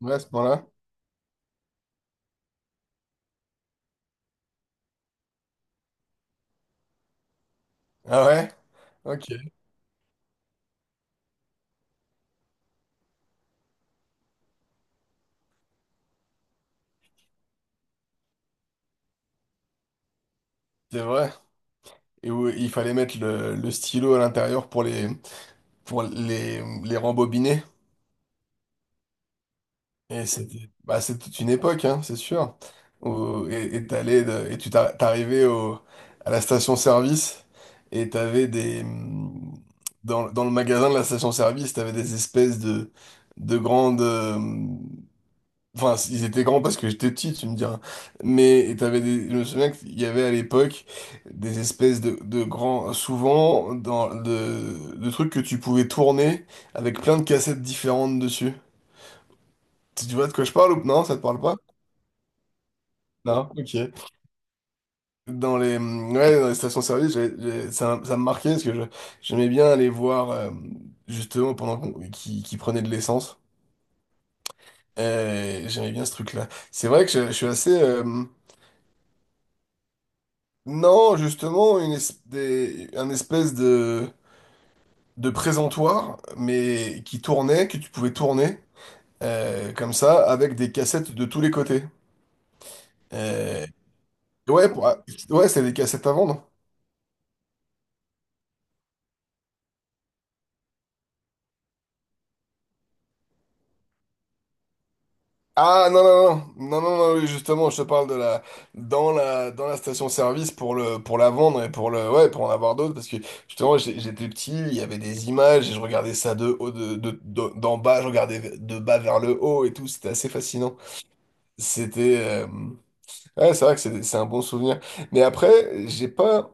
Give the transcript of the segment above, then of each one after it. Ouais, à ce point-là. Ah ouais? Ok, c'est vrai. Et où il fallait mettre le stylo à l'intérieur pour les rembobiner. Et c'était bah, c'est toute une époque, hein, c'est sûr. Et t'arrivais au, à la station-service et dans le magasin de la station-service, t'avais des espèces de grandes... Enfin, ils étaient grands parce que j'étais petit, tu me diras. Mais et t'avais des... je me souviens qu'il y avait à l'époque des espèces de grands, souvent, dans, de trucs que tu pouvais tourner avec plein de cassettes différentes dessus. Tu vois de quoi je parle ou non? Ça te parle pas? Non? Ok. Dans les, mmh, ouais, dans les stations-service, ça, ça me marquait parce que j'aimais bien aller voir, justement, pendant qu'ils prenaient de l'essence. J'aimais bien ce truc-là. C'est vrai que je suis assez. Non, justement, un espèce de présentoir, mais qui tournait, que tu pouvais tourner, comme ça, avec des cassettes de tous les côtés. Euh, ouais, pour- ah, ouais, c'est des cassettes à vendre. Ah non, non, non, non, non, non, oui, justement, je te parle de la, dans la station-service pour le, pour la vendre et pour le, ouais, pour en avoir d'autres, parce que justement, j'étais petit, il y avait des images et je regardais ça de haut, de, d'en bas, je regardais de bas vers le haut et tout, c'était assez fascinant. C'était. Ouais, c'est vrai que c'est un bon souvenir. Mais après,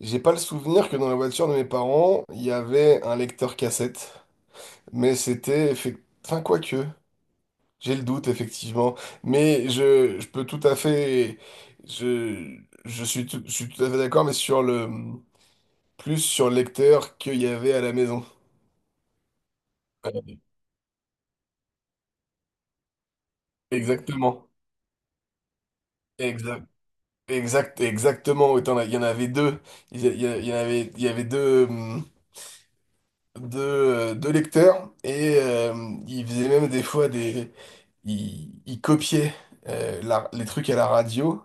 j'ai pas le souvenir que dans la voiture de mes parents, il y avait un lecteur cassette. Enfin, quoique. J'ai le doute, effectivement. Mais je peux tout à fait. Je, je suis tout à fait d'accord, mais sur le. Plus sur le lecteur qu'il y avait à la maison. Ouais, exactement. Exact, exact, exactement. Autant, là, il y en avait deux. Il y, a- il y a- il y en avait, il y avait deux. De lecteurs et il faisait même des fois des... il copiait les trucs à la radio,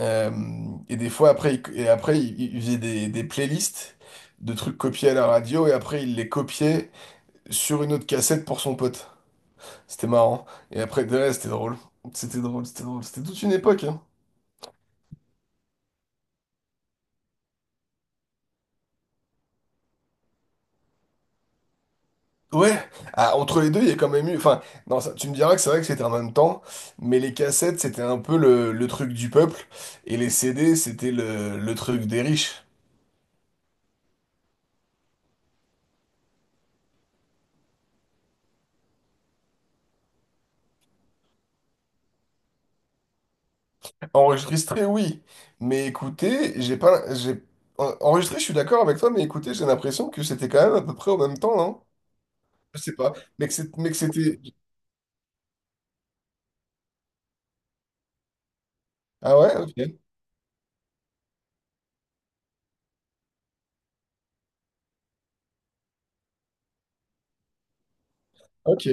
euh, et des fois après, il, et après il faisait des playlists de trucs copiés à la radio et après il les copiait sur une autre cassette pour son pote. C'était marrant. Et après, ouais, c'était drôle. C'était drôle, c'était drôle. C'était toute une époque, hein. Ouais, ah, entre les deux, il y a quand même eu. Enfin, non, tu me diras que c'est vrai que c'était en même temps, mais les cassettes, c'était un peu le truc du peuple, et les CD, c'était le truc des riches. Enregistrer, oui, mais écouter, j'ai pas. J'ai... Enregistrer, je suis d'accord avec toi, mais écouter, j'ai l'impression que c'était quand même à peu près au même temps, non? Je sais pas, mais mais que c'était. Ah ouais, ok, ok,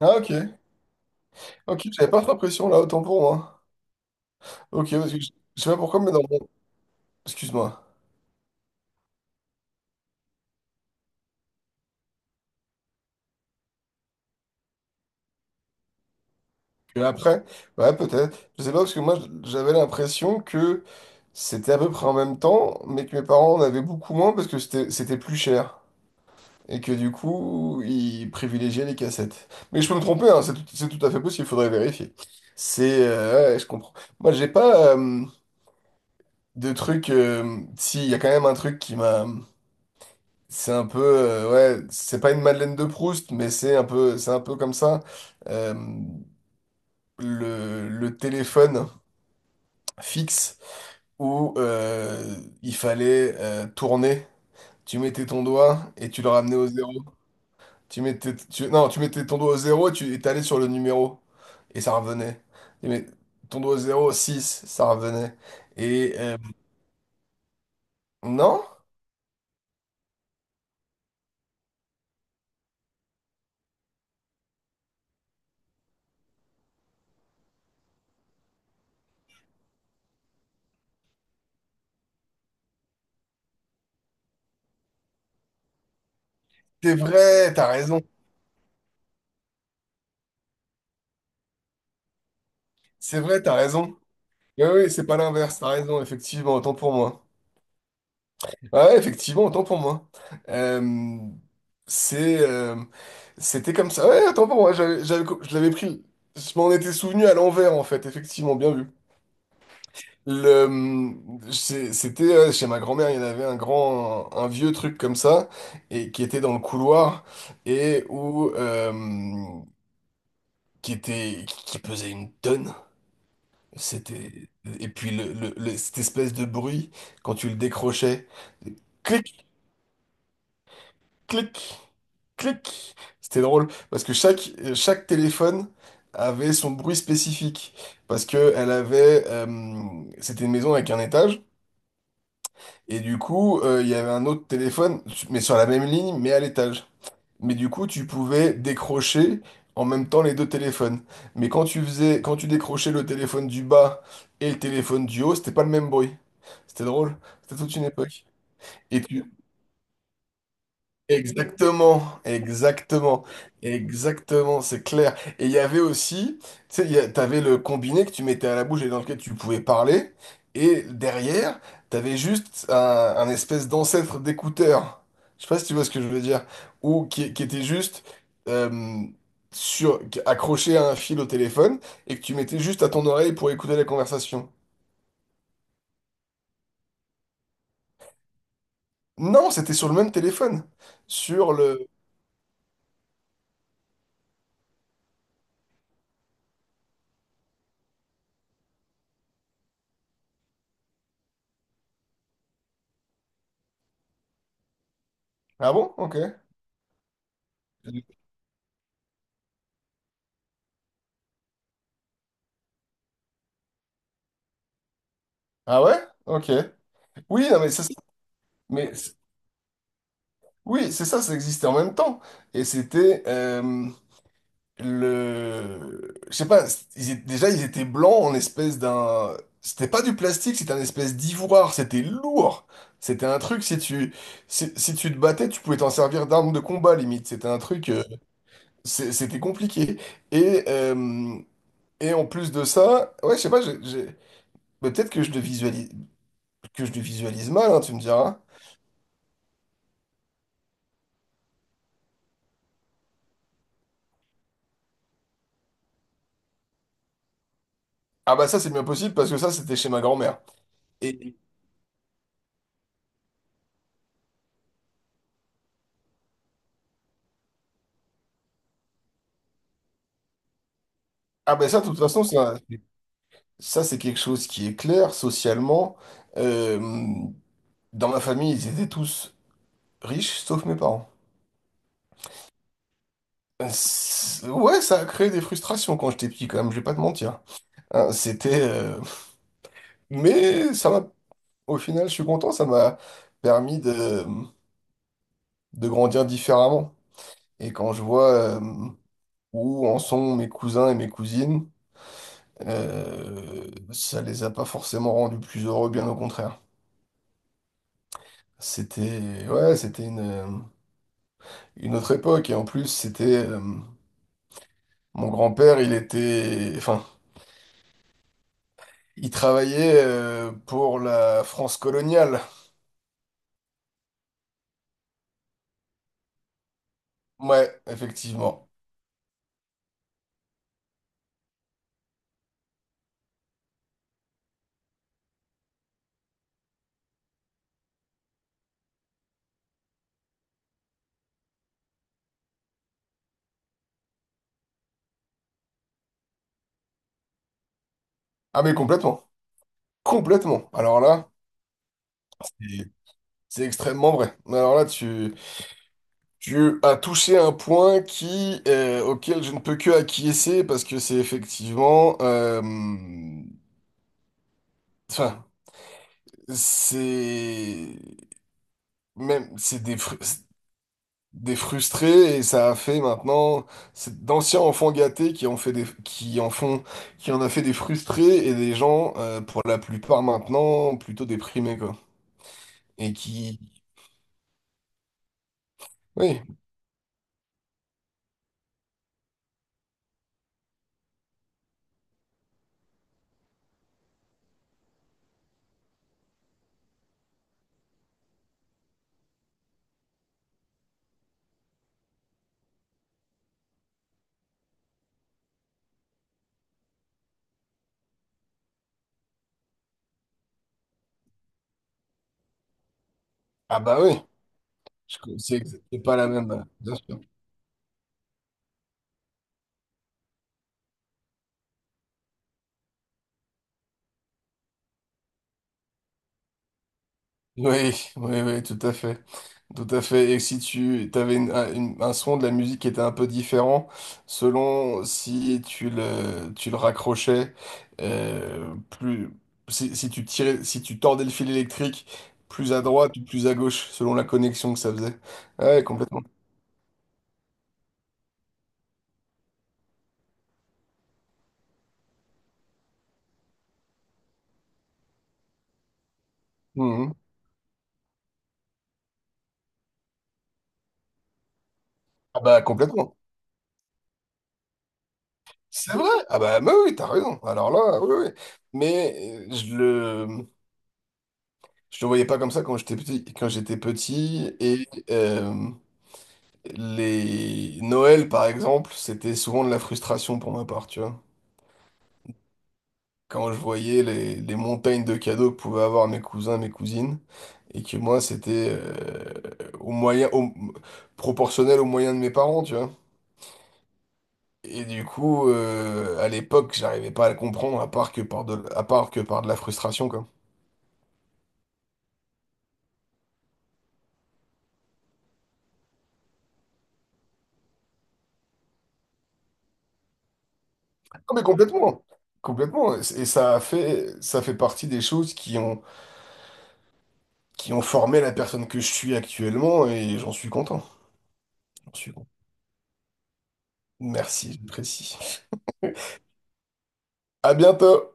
ah ok, ok, j'avais pas trop l'impression là, autant pour moi. Ok, parce que je sais pas pourquoi, mais dans mon. Excuse-moi. Et après, ouais, peut-être. Je sais pas, parce que moi, j'avais l'impression que c'était à peu près en même temps, mais que mes parents en avaient beaucoup moins parce que c'était plus cher. Et que du coup, ils privilégiaient les cassettes. Mais je peux me tromper, hein, c'est tout à fait possible, il faudrait vérifier. Ouais, ouais, je comprends. Moi, j'ai pas de truc... si, il y a quand même un truc qui m'a... C'est un peu... euh, ouais, c'est pas une Madeleine de Proust, mais c'est un peu comme ça. Euh, le téléphone fixe. Où il fallait tourner. Tu mettais ton doigt et tu le ramenais au zéro. Non, tu mettais ton doigt au zéro et tu et t'allais sur le numéro. Et ça revenait. Tu mets ton doigt au zéro, 6, ça revenait. Et euh, non, c'est vrai, t'as raison. C'est vrai, t'as raison. Oui, oui, c'est pas l'inverse, t'as raison, effectivement, autant pour moi. Ah ouais, effectivement, autant pour moi. Euh, c'est, euh, c'était comme ça. Ouais, autant pour moi. J'avais, je l'avais pris. Je m'en étais souvenu à l'envers, en fait. Effectivement, bien vu. Le, c'était chez ma grand-mère, il y en avait un grand, un, vieux truc comme ça, et qui était dans le couloir, et où, euh, qui était, qui pesait une tonne. C'était, et puis cette espèce de bruit quand tu le décrochais. Clic, clic, clic. C'était drôle parce que chaque, chaque téléphone avait son bruit spécifique parce que elle avait c'était une maison avec un étage et du coup il y avait un autre téléphone mais sur la même ligne mais à l'étage. Mais du coup tu pouvais décrocher en même temps les deux téléphones. Mais quand tu décrochais le téléphone du bas et le téléphone du haut, c'était pas le même bruit. C'était drôle, c'était toute une époque. Et tu exactement, exactement, exactement, c'est clair. Et il y avait aussi, tu sais, t'avais le combiné que tu mettais à la bouche et dans lequel tu pouvais parler, et derrière, t'avais juste un espèce d'ancêtre d'écouteur. Je sais pas si tu vois ce que je veux dire, ou qui était juste euh, sur, accroché à un fil au téléphone et que tu mettais juste à ton oreille pour écouter la conversation. Non, c'était sur le même téléphone, sur le. Ah bon? Ok. Ah ouais? Ok. Oui, non, mais ça. Mais c- oui, c'est ça, ça existait en même temps. Et c'était le... Je sais pas, déjà ils étaient blancs en espèce d'un... C'était pas du plastique, c'était un espèce d'ivoire, c'était lourd. C'était un truc, si tu, si, si tu te battais, tu pouvais t'en servir d'arme de combat, limite. C'était un truc, c'est- c'était compliqué. Et, euh, et en plus de ça, ouais, je sais pas, mais peut-être que je le visualise, que je le visualise mal, hein, tu me diras. Ah bah ça, c'est bien possible, parce que ça, c'était chez ma grand-mère. Et ah ben ça, de toute façon, ça c'est quelque chose qui est clair socialement. Euh, Dans ma famille, ils étaient tous riches, sauf mes parents. Ouais, ça a créé des frustrations quand j'étais petit, quand même, je vais pas te mentir. Hein, c'était... euh, Mais ça m'a... Au final, je suis content, ça m'a permis de grandir différemment. Et quand je vois où en sont mes cousins et mes cousines, ça les a pas forcément rendus plus heureux, bien au contraire. Ouais, c'était une autre époque. Et en plus, c'était mon grand-père, il était, enfin, il travaillait pour la France coloniale. Ouais, effectivement. Ah mais complètement, complètement. Alors là, c'est c'est extrêmement vrai. Alors là, tu as touché un point qui, auquel je ne peux que acquiescer parce que c'est effectivement, enfin, c'est même, des frustrés et ça a fait maintenant c'est d'anciens enfants gâtés qui en font qui en a fait des frustrés et des gens pour la plupart maintenant plutôt déprimés quoi et qui oui ah bah oui Je- c'est c'est pas la même bien sûr. Oui, oui, oui, tout à fait. Tout à fait. Et si tu avais un son de la musique qui était un peu différent, selon si tu le, tu le raccrochais, plus, si, si tu tirais, si tu tordais le fil électrique plus à droite ou plus à gauche, selon la connexion que ça faisait. Ah ouais, complètement. Mhm. Ah bah, complètement. C'est vrai. Ah bah, mais oui, t'as raison. Alors là, oui, oui. Mais euh, je le, je le voyais pas comme ça quand j'étais petit, les Noël, par exemple, c'était souvent de la frustration pour ma part, tu vois. Quand je voyais les montagnes de cadeaux que pouvaient avoir mes cousins, mes cousines, et que moi, c'était au moyen, au- proportionnel aux moyens de mes parents, tu vois. Et du coup, à l'époque, j'arrivais pas à le comprendre, à part que par de, à part que par de la frustration, quoi. Non, mais complètement, complètement. Et ça a fait, ça fait partie des choses qui ont formé la personne que je suis actuellement, et j'en suis content. J'en suis merci, je précise. À bientôt!